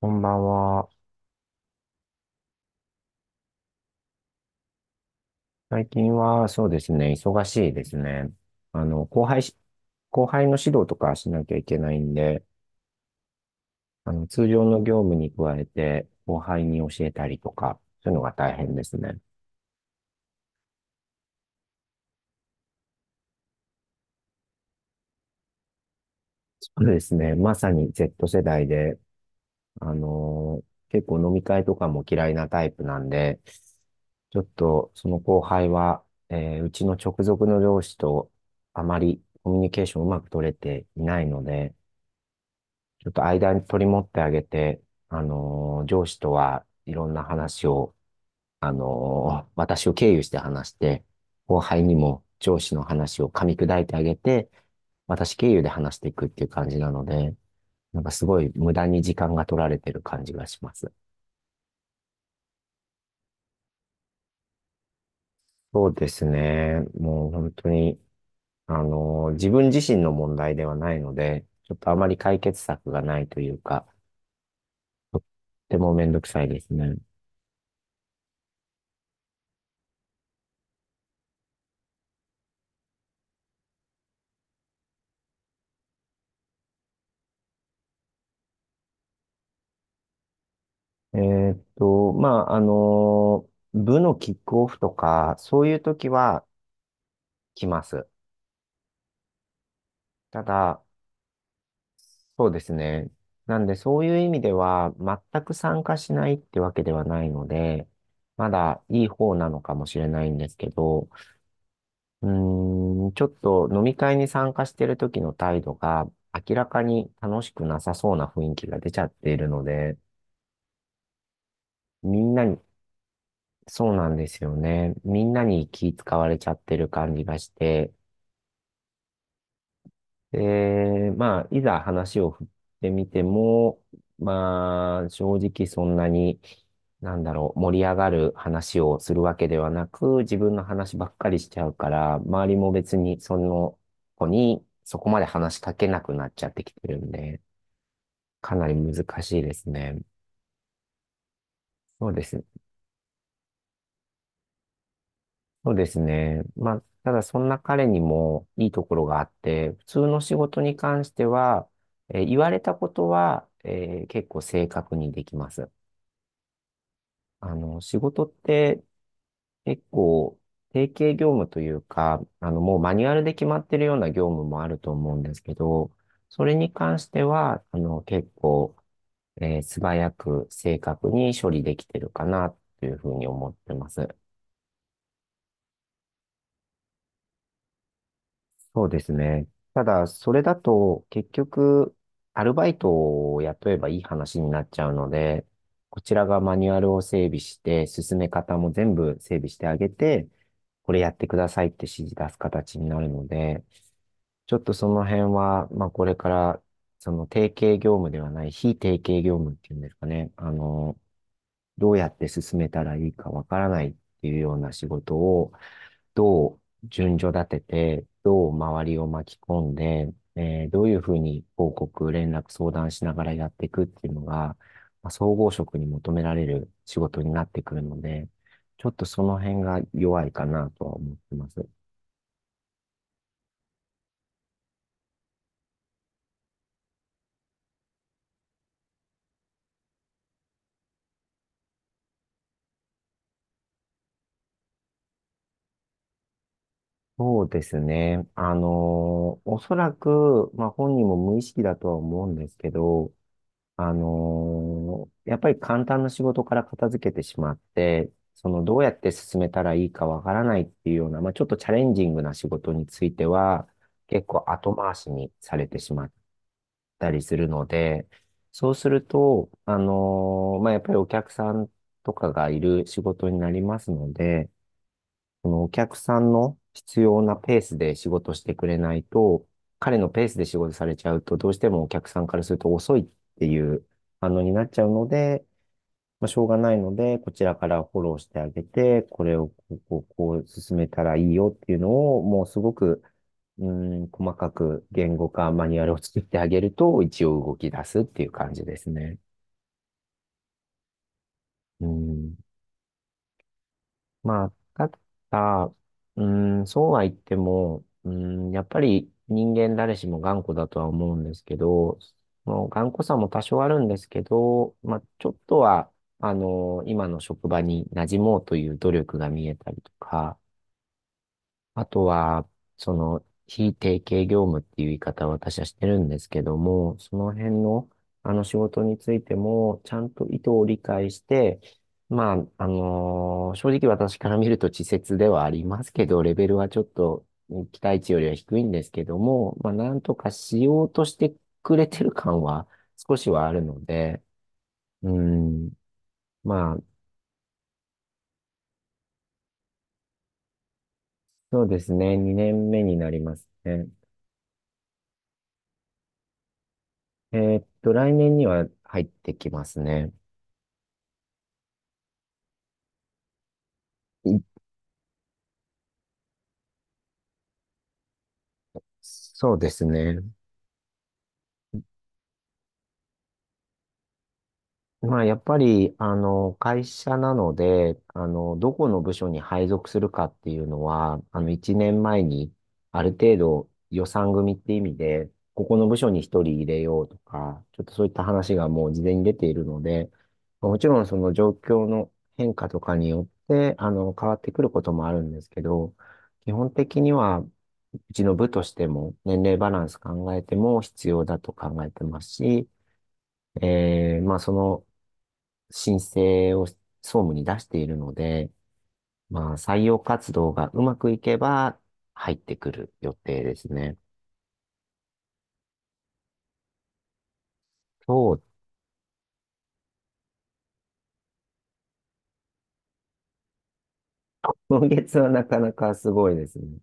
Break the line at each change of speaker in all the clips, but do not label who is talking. こんばんは。最近はそうですね、忙しいですね。あの、後輩し、後輩の指導とかしなきゃいけないんで、通常の業務に加えて、後輩に教えたりとか、そういうのが大変ですね。そうですね、まさに Z 世代で、あの、結構飲み会とかも嫌いなタイプなんで、ちょっとその後輩は、うちの直属の上司とあまりコミュニケーションうまく取れていないので、ちょっと間に取り持ってあげて、上司とはいろんな話を、私を経由して話して、後輩にも上司の話を噛み砕いてあげて、私経由で話していくっていう感じなので、なんかすごい無駄に時間が取られてる感じがします。そうですね。もう本当に、自分自身の問題ではないので、ちょっとあまり解決策がないというか、とってもめんどくさいですね。まあ、あの部のキックオフとか、そういう時は来ます。ただ、そうですね。なんで、そういう意味では、全く参加しないってわけではないので、まだいい方なのかもしれないんですけど、ちょっと飲み会に参加してる時の態度が、明らかに楽しくなさそうな雰囲気が出ちゃっているので、みんなに、そうなんですよね。みんなに気使われちゃってる感じがして、で、まあ、いざ話を振ってみても、まあ、正直そんなに、なんだろう、盛り上がる話をするわけではなく、自分の話ばっかりしちゃうから、周りも別にその子にそこまで話しかけなくなっちゃってきてるんで、かなり難しいですね。そうですね。そうですね。まあ、ただそんな彼にもいいところがあって、普通の仕事に関しては、言われたことは、結構正確にできます。仕事って結構定型業務というか、もうマニュアルで決まってるような業務もあると思うんですけど、それに関しては、結構、素早く正確に処理できてるかなというふうに思ってます。そうですね。ただ、それだと、結局、アルバイトを雇えばいい話になっちゃうので、こちらがマニュアルを整備して、進め方も全部整備してあげて、これやってくださいって指示出す形になるので、ちょっとその辺は、まあこれから、その定型業務ではない、非定型業務っていうんですかね、どうやって進めたらいいかわからないっていうような仕事を、どう順序立てて、どう周りを巻き込んで、どういうふうに報告、連絡、相談しながらやっていくっていうのが、まあ、総合職に求められる仕事になってくるので、ちょっとその辺が弱いかなとは思ってます。そうですね。おそらく、まあ本人も無意識だとは思うんですけど、やっぱり簡単な仕事から片付けてしまって、そのどうやって進めたらいいかわからないっていうような、まあ、ちょっとチャレンジングな仕事については、結構後回しにされてしまったりするので、そうすると、まあ、やっぱりお客さんとかがいる仕事になりますので、そのお客さんの必要なペースで仕事してくれないと、彼のペースで仕事されちゃうと、どうしてもお客さんからすると遅いっていう反応になっちゃうので、まあ、しょうがないので、こちらからフォローしてあげて、これをこう、こう、こう進めたらいいよっていうのを、もうすごく、うん、細かく言語化、マニュアルを作ってあげると、一応動き出すっていう感じですね。うん。まあ、ただ、そうは言っても、やっぱり人間誰しも頑固だとは思うんですけど、もう頑固さも多少あるんですけど、まあ、ちょっとは、今の職場に馴染もうという努力が見えたりとか、あとは、その、非定型業務っていう言い方を私はしてるんですけども、その辺の、あの仕事についても、ちゃんと意図を理解して、まあ、正直私から見ると稚拙ではありますけど、レベルはちょっとね期待値よりは低いんですけども、まあ、なんとかしようとしてくれてる感は少しはあるので、うん、まあ、そうですね、2年目になりますね。来年には入ってきますね。いそうですね。まあ、やっぱり、会社なので、どこの部署に配属するかっていうのは、1年前に、ある程度予算組って意味で、ここの部署に1人入れようとか、ちょっとそういった話がもう事前に出ているので、もちろんその状況の変化とかによって、変わってくることもあるんですけど、基本的には、うちの部としても年齢バランス考えても必要だと考えてますし、まあ、その申請を総務に出しているので、まあ、採用活動がうまくいけば入ってくる予定ですね。そう、今月はなかなかすごいですね。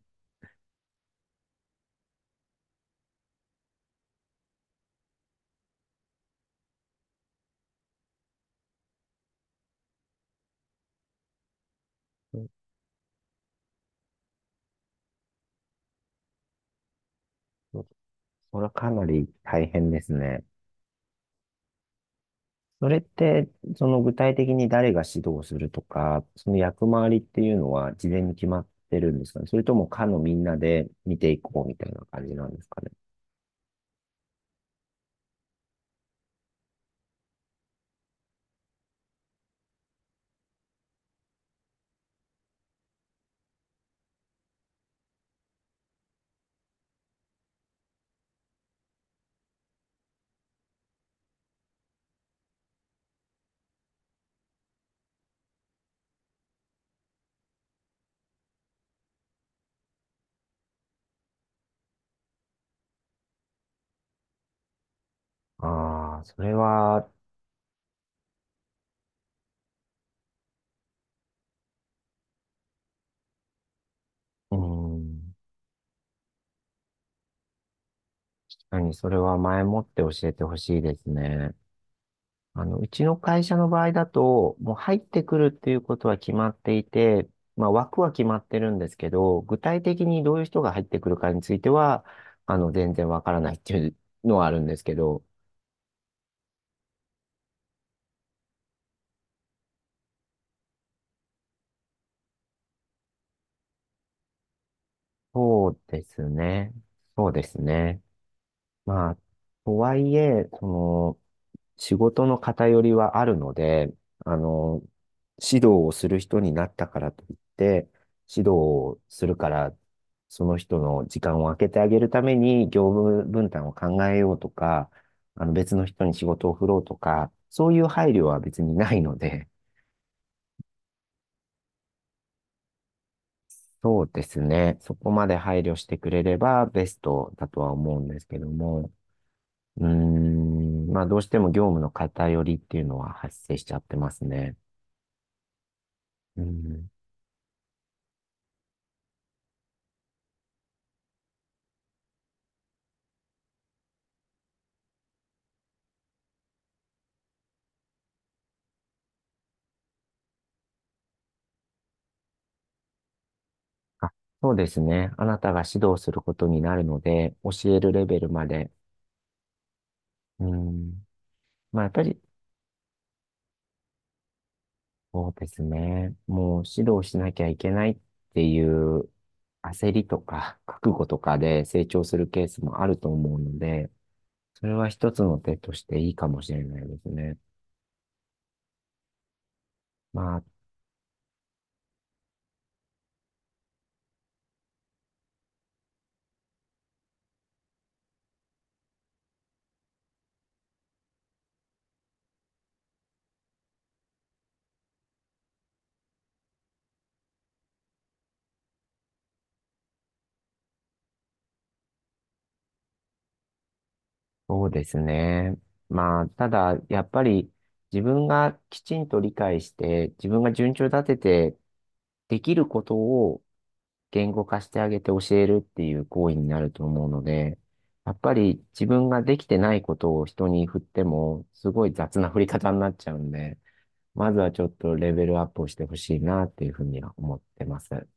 そそれはかなり大変ですね。それって、その具体的に誰が指導するとか、その役回りっていうのは事前に決まってるんですかね。それとも課のみんなで見ていこうみたいな感じなんですかね。ああ、それは。うーん。何、それは前もって教えてほしいですね。うちの会社の場合だと、もう入ってくるっていうことは決まっていて、まあ枠は決まってるんですけど、具体的にどういう人が入ってくるかについては、全然わからないっていうのはあるんですけど、そうですね。そうですね。まあ、とはいえ、その、仕事の偏りはあるので、あの、指導をする人になったからといって、指導をするから、その人の時間を空けてあげるために業務分担を考えようとか、あの別の人に仕事を振ろうとか、そういう配慮は別にないので、そうですね。そこまで配慮してくれればベストだとは思うんですけども、まあどうしても業務の偏りっていうのは発生しちゃってますね。うん。あ、そうですね。あなたが指導することになるので、教えるレベルまで。うん。まあ、やっぱり、そうですね。もう指導しなきゃいけないっていう焦りとか、覚悟とかで成長するケースもあると思うので、それは一つの手としていいかもしれないですね。まあ、そうですね。まあ、ただ、やっぱり自分がきちんと理解して、自分が順調立てて、できることを言語化してあげて教えるっていう行為になると思うので、やっぱり自分ができてないことを人に振っても、すごい雑な振り方になっちゃうんで、まずはちょっとレベルアップをしてほしいなっていうふうには思ってます。